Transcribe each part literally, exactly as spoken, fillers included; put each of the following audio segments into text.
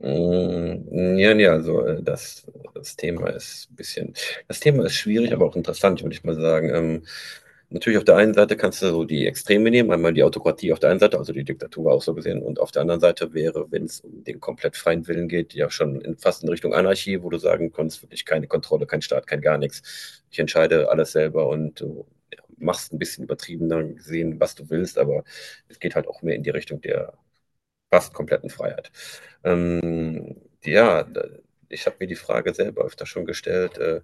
Mm, ja, ja, also äh, das, das Thema ist ein bisschen, das Thema ist schwierig, aber auch interessant, würde ich mal sagen. Ähm, natürlich auf der einen Seite kannst du so die Extreme nehmen, einmal die Autokratie auf der einen Seite, also die Diktatur auch so gesehen, und auf der anderen Seite wäre, wenn es um den komplett freien Willen geht, ja schon in, fast in Richtung Anarchie, wo du sagen kannst, wirklich keine Kontrolle, kein Staat, kein gar nichts. Ich entscheide alles selber und du, ja, machst ein bisschen übertriebener gesehen, was du willst, aber es geht halt auch mehr in die Richtung der fast kompletten Freiheit. Ja, da- Ich habe mir die Frage selber öfter schon gestellt. äh,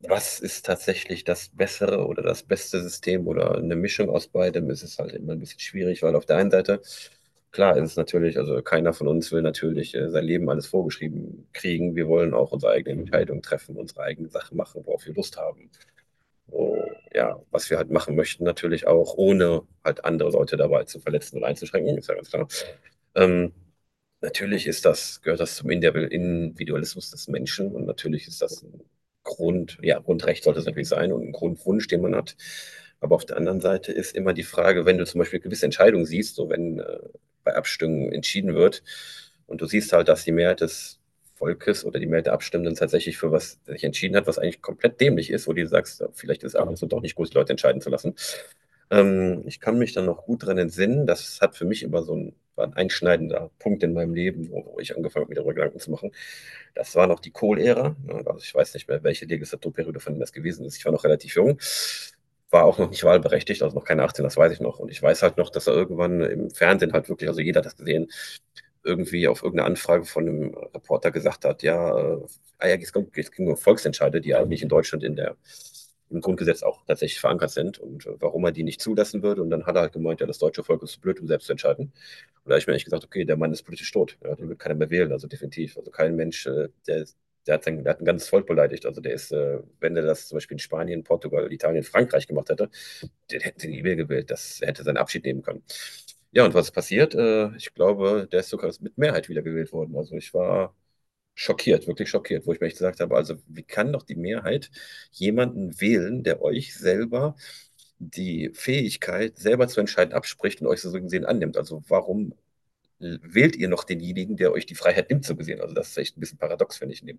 Was ist tatsächlich das bessere oder das beste System oder eine Mischung aus beidem? Es ist halt immer ein bisschen schwierig, weil auf der einen Seite, klar, ist es natürlich, also keiner von uns will natürlich äh, sein Leben alles vorgeschrieben kriegen. Wir wollen auch unsere eigenen Entscheidungen treffen, unsere eigenen Sachen machen, worauf wir Lust haben, äh, ja, was wir halt machen möchten, natürlich auch, ohne halt andere Leute dabei zu verletzen und einzuschränken, ist ja ganz klar. Ähm, natürlich ist das, gehört das zum Indi- Individualismus des Menschen und natürlich ist das ein Grund, ja, Grundrecht sollte es natürlich sein und ein Grundwunsch, den man hat. Aber auf der anderen Seite ist immer die Frage, wenn du zum Beispiel gewisse Entscheidungen siehst, so wenn äh, bei Abstimmungen entschieden wird und du siehst halt, dass die Mehrheit des Volkes oder die Mehrheit der Abstimmenden tatsächlich für was sich entschieden hat, was eigentlich komplett dämlich ist, wo du sagst, ja, vielleicht ist es ab und zu doch nicht gut, die Leute entscheiden zu lassen. Ähm, ich kann mich dann noch gut dran entsinnen, das hat für mich immer so ein, war ein einschneidender Punkt in meinem Leben, wo, wo ich angefangen habe, mir darüber Gedanken zu machen. Das war noch die Kohl-Ära, ne? Also ich weiß nicht mehr, welche Legislaturperiode von dem das gewesen ist. Ich war noch relativ jung, war auch noch nicht wahlberechtigt, also noch keine achtzehn, das weiß ich noch. Und ich weiß halt noch, dass er irgendwann im Fernsehen halt wirklich, also jeder hat das gesehen, irgendwie auf irgendeine Anfrage von einem Reporter gesagt hat, ja, äh, ah ja, es ging um Volksentscheide, die ja eigentlich in Deutschland in der, im Grundgesetz auch tatsächlich verankert sind und äh, warum er die nicht zulassen würde. Und dann hat er halt gemeint, ja, das deutsche Volk ist zu blöd, um selbst zu entscheiden. Und da habe ich mir eigentlich gesagt, okay, der Mann ist politisch tot, ja, den wird keiner mehr wählen, also definitiv. Also kein Mensch, äh, der, der, hat sein, der hat ein ganzes Volk beleidigt. Also der ist, äh, wenn er das zum Beispiel in Spanien, Portugal, Italien, Frankreich gemacht hätte, den hätten sie nie mehr gewählt. Das er hätte seinen Abschied nehmen können. Ja, und was ist passiert? Äh, ich glaube, der ist sogar mit Mehrheit wiedergewählt worden. Also ich war schockiert, wirklich schockiert, wo ich mir echt gesagt habe, also wie kann doch die Mehrheit jemanden wählen, der euch selber die Fähigkeit, selber zu entscheiden, abspricht und euch so gesehen annimmt? Also warum wählt ihr noch denjenigen, der euch die Freiheit nimmt, so gesehen? Also das ist echt ein bisschen paradox, finde ich, in dem.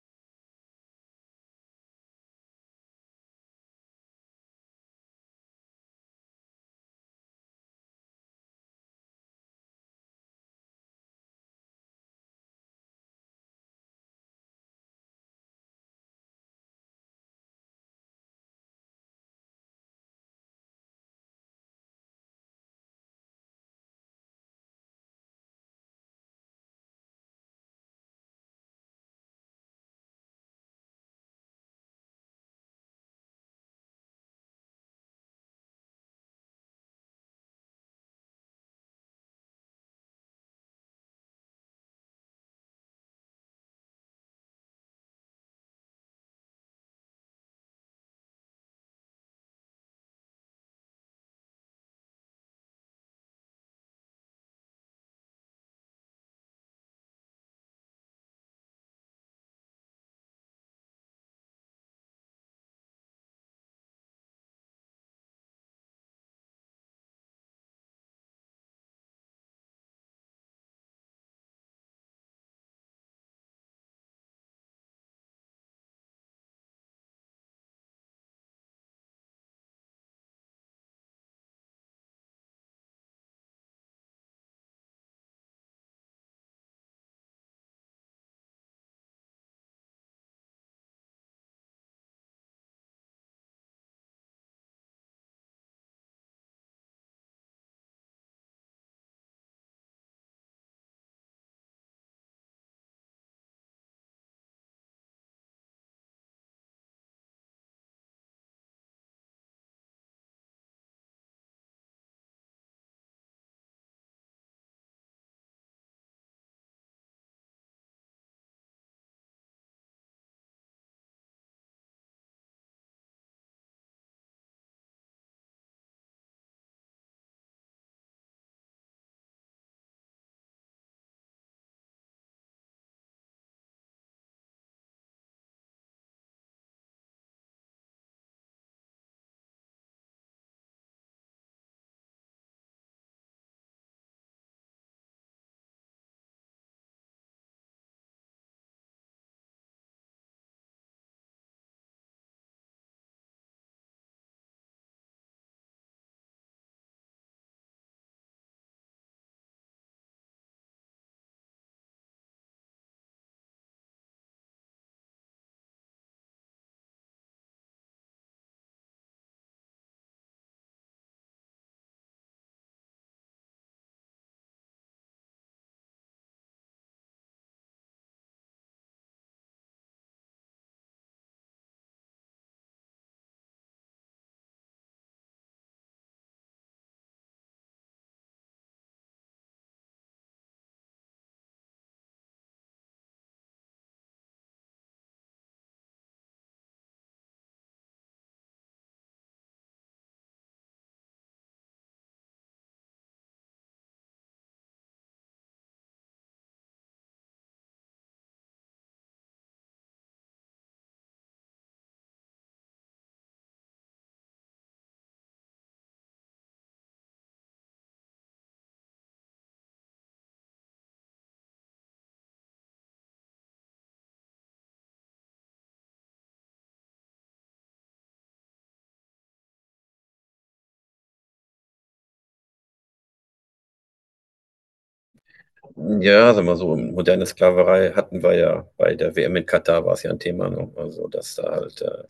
Ja, sagen wir so, moderne Sklaverei hatten wir ja bei der W M in Katar, war es ja ein Thema, ne? Also, dass da halt äh,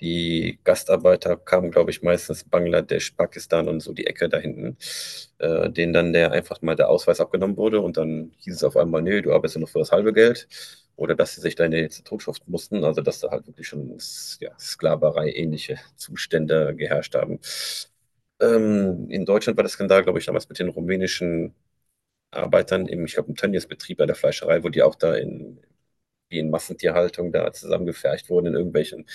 die Gastarbeiter kamen, glaube ich, meistens Bangladesch, Pakistan und so die Ecke da hinten, äh, denen dann der einfach mal der Ausweis abgenommen wurde und dann hieß es auf einmal, nee, du arbeitest ja nur für das halbe Geld oder dass sie sich dann jetzt totschuften mussten, also dass da halt wirklich schon s- ja, Sklaverei-ähnliche Zustände geherrscht haben. Ähm, in Deutschland war der Skandal, glaube ich, damals mit den rumänischen Arbeitern im, ich glaube, im Tönnies-Betrieb bei der Fleischerei, wo die auch da in, wie in Massentierhaltung da zusammengefercht wurden in irgendwelchen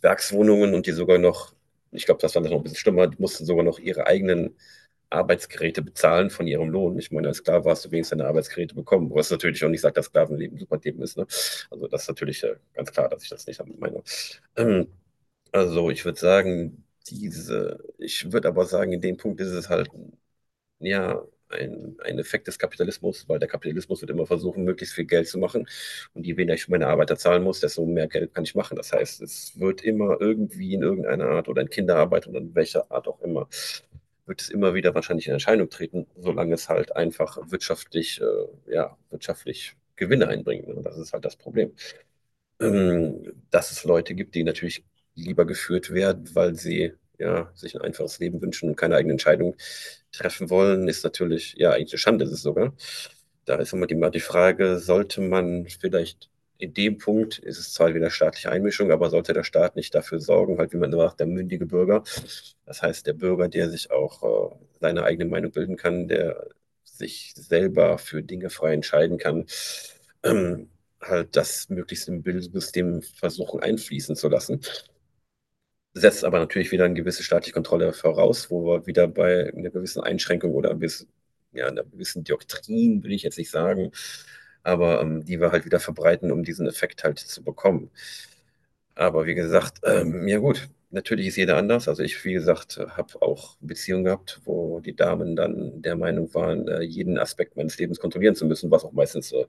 Werkswohnungen und die sogar noch, ich glaube, das war noch ein bisschen schlimmer, die mussten sogar noch ihre eigenen Arbeitsgeräte bezahlen von ihrem Lohn. Ich meine, als Sklave hast du wenigstens deine Arbeitsgeräte bekommen, was natürlich auch nicht sagt, dass Sklavenleben super Leben ist. Ne? Also das ist natürlich, äh, ganz klar, dass ich das nicht meine. Ähm, also ich würde sagen, diese, ich würde aber sagen, in dem Punkt ist es halt ja ein, ein Effekt des Kapitalismus, weil der Kapitalismus wird immer versuchen, möglichst viel Geld zu machen. Und je weniger ich für meine Arbeiter zahlen muss, desto mehr Geld kann ich machen. Das heißt, es wird immer irgendwie in irgendeiner Art oder in Kinderarbeit oder in welcher Art auch immer, wird es immer wieder wahrscheinlich in Erscheinung treten, solange es halt einfach wirtschaftlich, äh, ja, wirtschaftlich Gewinne einbringt. Und das ist halt das Problem, ähm, dass es Leute gibt, die natürlich lieber geführt werden, weil sie, ja, sich ein einfaches Leben wünschen und keine eigene Entscheidung treffen wollen, ist natürlich, ja, eigentlich eine Schande ist es sogar. Da ist immer die, die Frage, sollte man vielleicht in dem Punkt, ist es zwar wieder staatliche Einmischung, aber sollte der Staat nicht dafür sorgen, halt wie man sagt, der mündige Bürger, das heißt der Bürger, der sich auch äh, seine eigene Meinung bilden kann, der sich selber für Dinge frei entscheiden kann, ähm, halt das möglichst im Bildungssystem versuchen einfließen zu lassen. Setzt aber natürlich wieder eine gewisse staatliche Kontrolle voraus, wo wir wieder bei einer gewissen Einschränkung oder ein bisschen, ja, einer gewissen Doktrin, will ich jetzt nicht sagen, aber ähm, die wir halt wieder verbreiten, um diesen Effekt halt zu bekommen. Aber wie gesagt, ähm, ja gut, natürlich ist jeder anders. Also ich, wie gesagt, habe auch Beziehungen gehabt, wo die Damen dann der Meinung waren, äh, jeden Aspekt meines Lebens kontrollieren zu müssen, was auch meistens äh,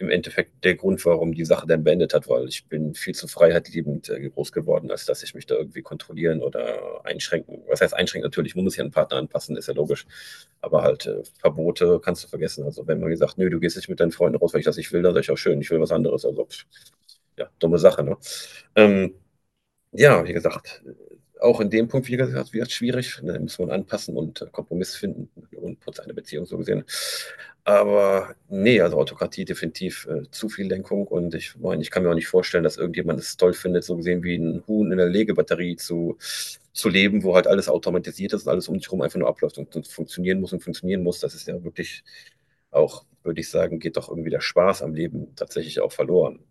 im Endeffekt der Grund war, warum die Sache dann beendet hat, weil ich bin viel zu freiheitliebend äh, groß geworden, als dass ich mich da irgendwie kontrollieren oder einschränken. Was heißt einschränken? Natürlich, man muss sich an den Partner anpassen, ist ja logisch. Aber halt äh, Verbote kannst du vergessen. Also wenn man gesagt, nö, du gehst nicht mit deinen Freunden raus, weil ich das nicht will, dann sag ich auch schön, ich will was anderes. Also pff, ja, dumme Sache, ne? Ähm, ja, wie gesagt, auch in dem Punkt, wie gesagt, wird es schwierig. Da muss man anpassen und äh, Kompromiss finden und putzt eine Beziehung so gesehen. Aber nee, also Autokratie definitiv äh, zu viel Lenkung und ich meine, ich kann mir auch nicht vorstellen, dass irgendjemand es toll findet, so gesehen wie ein Huhn in der Legebatterie zu, zu leben, wo halt alles automatisiert ist und alles um dich herum einfach nur abläuft und, und funktionieren muss und funktionieren muss. Das ist ja wirklich auch, würde ich sagen, geht doch irgendwie der Spaß am Leben tatsächlich auch verloren.